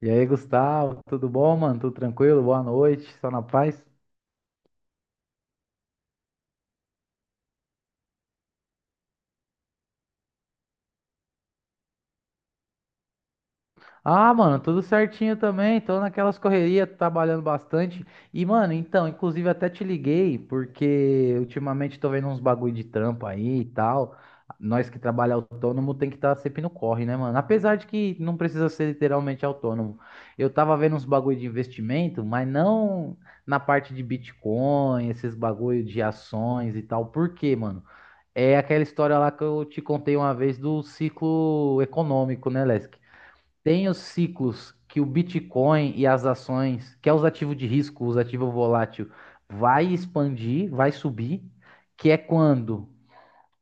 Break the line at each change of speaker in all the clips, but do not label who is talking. E aí, Gustavo, tudo bom, mano? Tudo tranquilo? Boa noite, só na paz? Ah, mano, tudo certinho também. Tô naquelas correrias, trabalhando bastante. E, mano, então, inclusive até te liguei, porque ultimamente tô vendo uns bagulho de trampo aí e tal. Nós que trabalha autônomo tem que estar sempre no corre, né, mano? Apesar de que não precisa ser literalmente autônomo. Eu tava vendo uns bagulho de investimento, mas não na parte de Bitcoin, esses bagulho de ações e tal. Por quê, mano? É aquela história lá que eu te contei uma vez do ciclo econômico, né, Lesk? Tem os ciclos que o Bitcoin e as ações, que é os ativos de risco, os ativos volátil, vai expandir, vai subir, que é quando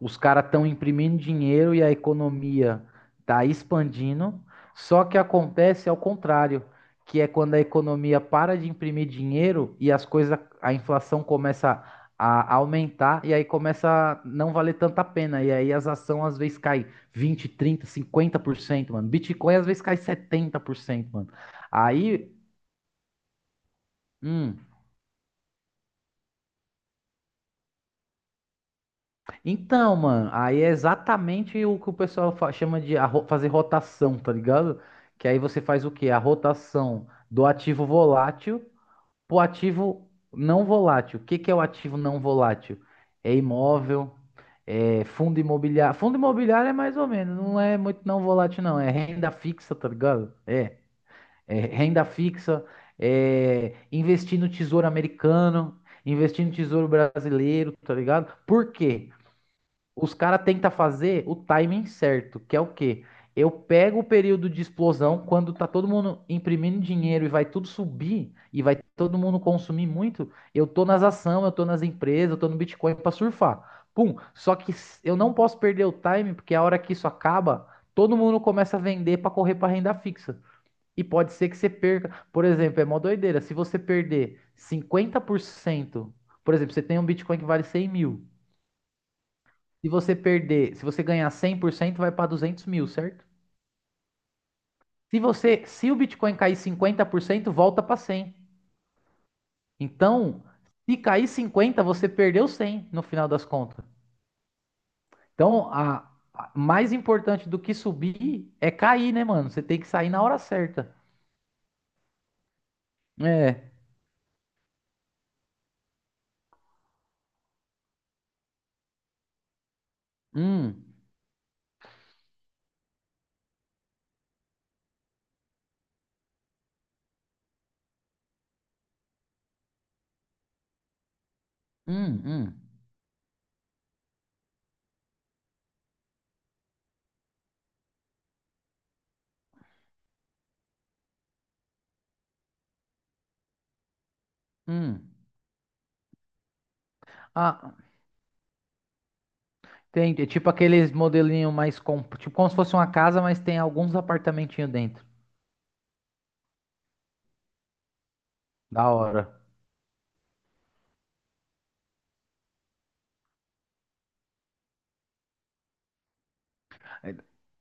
os caras estão imprimindo dinheiro e a economia está expandindo, só que acontece ao contrário, que é quando a economia para de imprimir dinheiro e as coisas, a inflação começa a aumentar e aí começa a não valer tanta pena. E aí as ações às vezes caem 20, 30, 50%, mano. Bitcoin às vezes cai 70%, mano. Aí, hum, Então, mano, aí é exatamente o que o pessoal chama de fazer rotação, tá ligado? Que aí você faz o quê? A rotação do ativo volátil pro ativo não volátil. O que que é o ativo não volátil? É imóvel, é fundo imobiliário. Fundo imobiliário é mais ou menos, não é muito não volátil, não. É renda fixa, tá ligado? É, é renda fixa, é investir no tesouro americano, investir no tesouro brasileiro, tá ligado? Por quê? Os caras tentam fazer o timing certo, que é o quê? Eu pego o período de explosão quando tá todo mundo imprimindo dinheiro e vai tudo subir e vai todo mundo consumir muito. Eu tô nas ações, eu tô nas empresas, eu tô no Bitcoin pra surfar. Pum. Eu não posso perder o timing, porque a hora que isso acaba, todo mundo começa a vender pra correr pra renda fixa. E pode ser que você perca. Por exemplo, é mó doideira. Se você perder 50%, por cento, por exemplo, você tem um Bitcoin que vale 100 mil. Se você perder, se você ganhar 100% vai para 200 mil, certo? Se você, se o Bitcoin cair 50% volta para cem. Então, se cair 50, você perdeu 100 no final das contas. Então, mais importante do que subir é cair, né, mano? Você tem que sair na hora certa. É. Hum, hum, hum, hum. Ah, tem, é tipo aqueles modelinho mais com, tipo como se fosse uma casa, mas tem alguns apartamentinhos dentro. Da hora.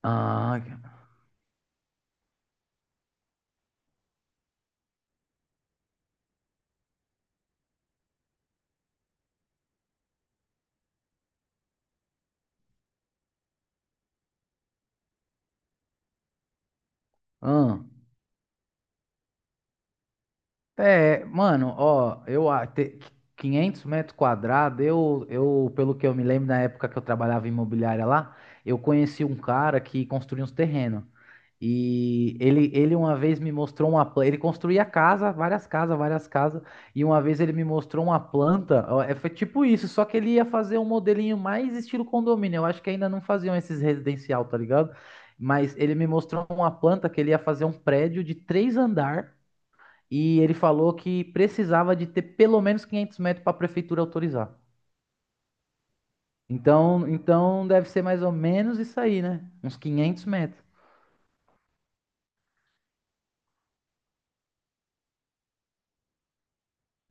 Ah, ah. É, mano, ó, 500 metros quadrados, eu, pelo que eu me lembro, na época que eu trabalhava em imobiliária lá, eu conheci um cara que construía uns terrenos. E ele uma vez me mostrou uma planta, ele construía casa, várias casas, e uma vez ele me mostrou uma planta, ó, é, foi tipo isso, só que ele ia fazer um modelinho mais estilo condomínio, eu acho que ainda não faziam esses residencial, tá ligado? Mas ele me mostrou uma planta que ele ia fazer um prédio de três andares e ele falou que precisava de ter pelo menos 500 metros para a prefeitura autorizar. Então, então deve ser mais ou menos isso aí, né? Uns 500 metros.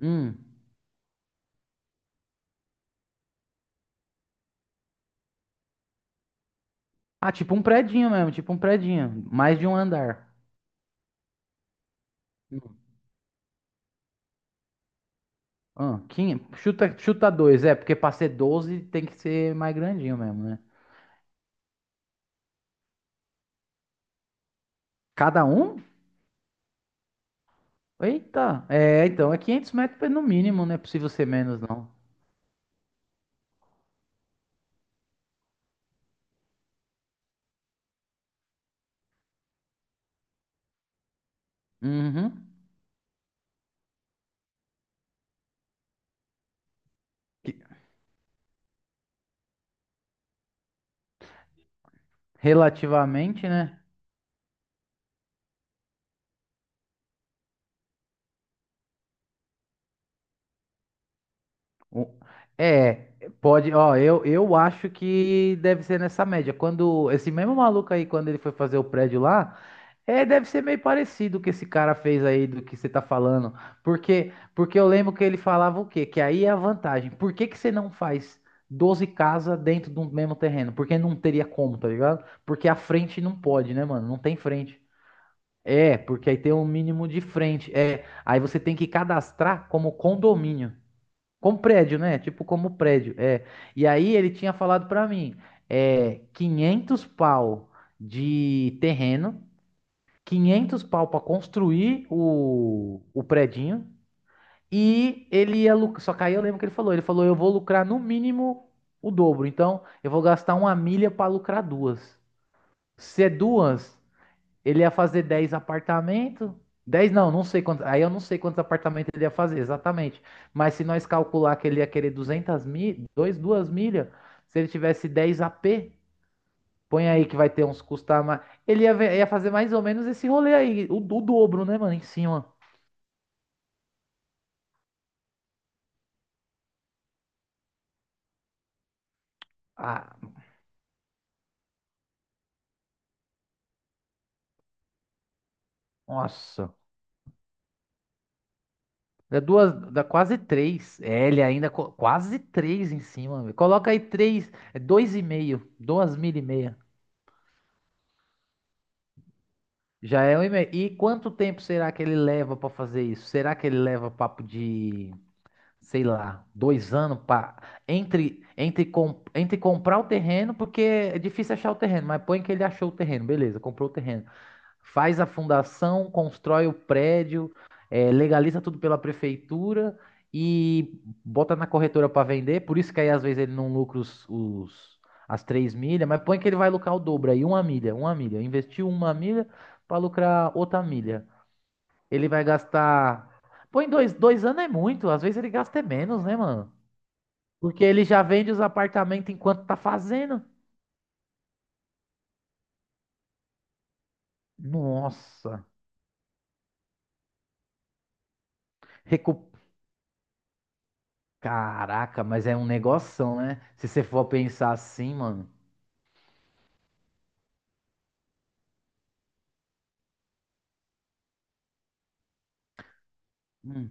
Hum. Ah, tipo um predinho mesmo, tipo um predinho, mais de um andar. Hum. Ah, 500, chuta, chuta dois, é, porque para ser 12 tem que ser mais grandinho mesmo, né? Cada um? Eita, é, então é 500 metros no mínimo, não é possível ser menos, não. Uhum. Que- Relativamente, né? Um- É, pode, ó, eu acho que deve ser nessa média. Quando esse mesmo maluco aí, quando ele foi fazer o prédio lá, é, deve ser meio parecido o que esse cara fez aí do que você tá falando. Porque, porque eu lembro que ele falava o quê? Que aí é a vantagem. Por que que você não faz 12 casas dentro do mesmo terreno? Porque não teria como, tá ligado? Porque a frente não pode, né, mano? Não tem frente. É, porque aí tem um mínimo de frente. É, aí você tem que cadastrar como condomínio. Como prédio, né? Tipo, como prédio. É. E aí ele tinha falado pra mim, é 500 pau de terreno, 500 pau pra construir o predinho e ele ia lucrar. Só que aí eu lembro que ele falou, eu vou lucrar no mínimo o dobro. Então, eu vou gastar uma milha pra lucrar duas. Se é duas, ele ia fazer 10 apartamentos. 10 não, não sei quantos. Aí eu não sei quantos apartamentos ele ia fazer exatamente. Mas se nós calcular que ele ia querer 200 mil, 2 milhas, se ele tivesse 10 AP, põe aí que vai ter uns custar mais. Ele ia, ia fazer mais ou menos esse rolê aí, o dobro, né, mano, em cima. Ah, nossa. Dá duas, dá quase três. É, ele ainda quase três em cima. Velho. Coloca aí três, é dois e meio, duas mil e meia. Já é um e-mail. E quanto tempo será que ele leva para fazer isso? Será que ele leva papo de, sei lá, 2 anos para entre comprar o terreno, porque é difícil achar o terreno, mas põe que ele achou o terreno, beleza, comprou o terreno, faz a fundação, constrói o prédio, eh, legaliza tudo pela prefeitura e bota na corretora para vender. Por isso que aí às vezes ele não lucra as três milhas, mas põe que ele vai lucrar o dobro aí, uma milha, uma milha. Investiu uma milha para lucrar outra milha. Ele vai gastar. Põe dois, 2 anos é muito, às vezes ele gasta é menos, né, mano? Porque ele já vende os apartamentos enquanto tá fazendo. Nossa. Caraca, mas é um negoção, né? Se você for pensar assim, mano. Hum,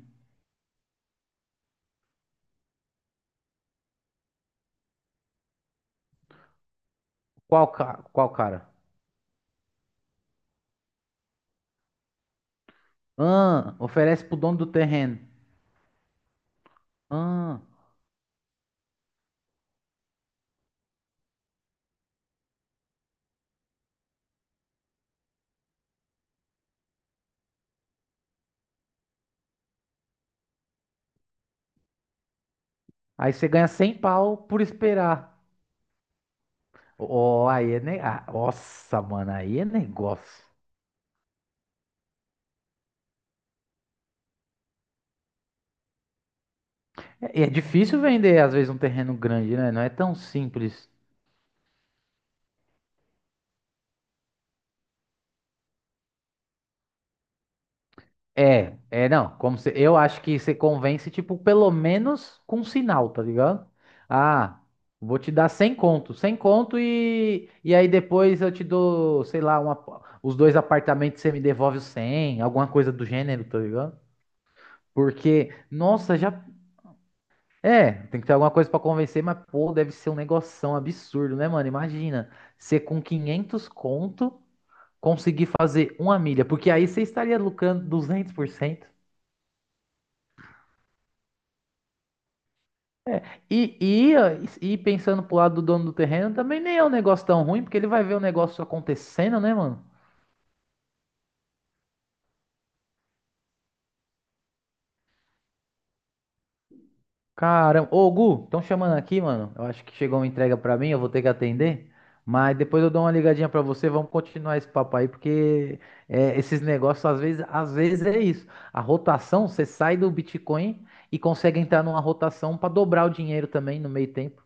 Qual cara? Ah, oferece pro dono do terreno. Ah, aí você ganha 100 pau por esperar. Ó, aí é ah, nossa, mano, aí é negócio. É, é difícil vender, às vezes, um terreno grande, né? Não é tão simples. Não, como se, eu acho que você convence, tipo, pelo menos com um sinal, tá ligado? Ah, vou te dar 100 conto, 100 conto e aí depois eu te dou, sei lá, uma, os dois apartamentos você me devolve os 100, alguma coisa do gênero, tá ligado? Porque, nossa, já, é, tem que ter alguma coisa pra convencer, mas, pô, deve ser um negoção absurdo, né, mano? Imagina, você com 500 conto conseguir fazer uma milha, porque aí você estaria lucrando 200%. Ah, e pensando pro lado do dono do terreno, também nem é um negócio tão ruim, porque ele vai ver o negócio acontecendo, né, mano? Caramba. Ô, Gu, estão chamando aqui, mano. Eu acho que chegou uma entrega pra mim, eu vou ter que atender. Mas depois eu dou uma ligadinha pra você, vamos continuar esse papo aí, porque é, esses negócios, às vezes é isso. A rotação, você sai do Bitcoin e consegue entrar numa rotação pra dobrar o dinheiro também no meio tempo.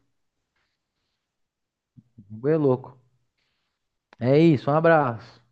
O Gu é louco. É isso, um abraço.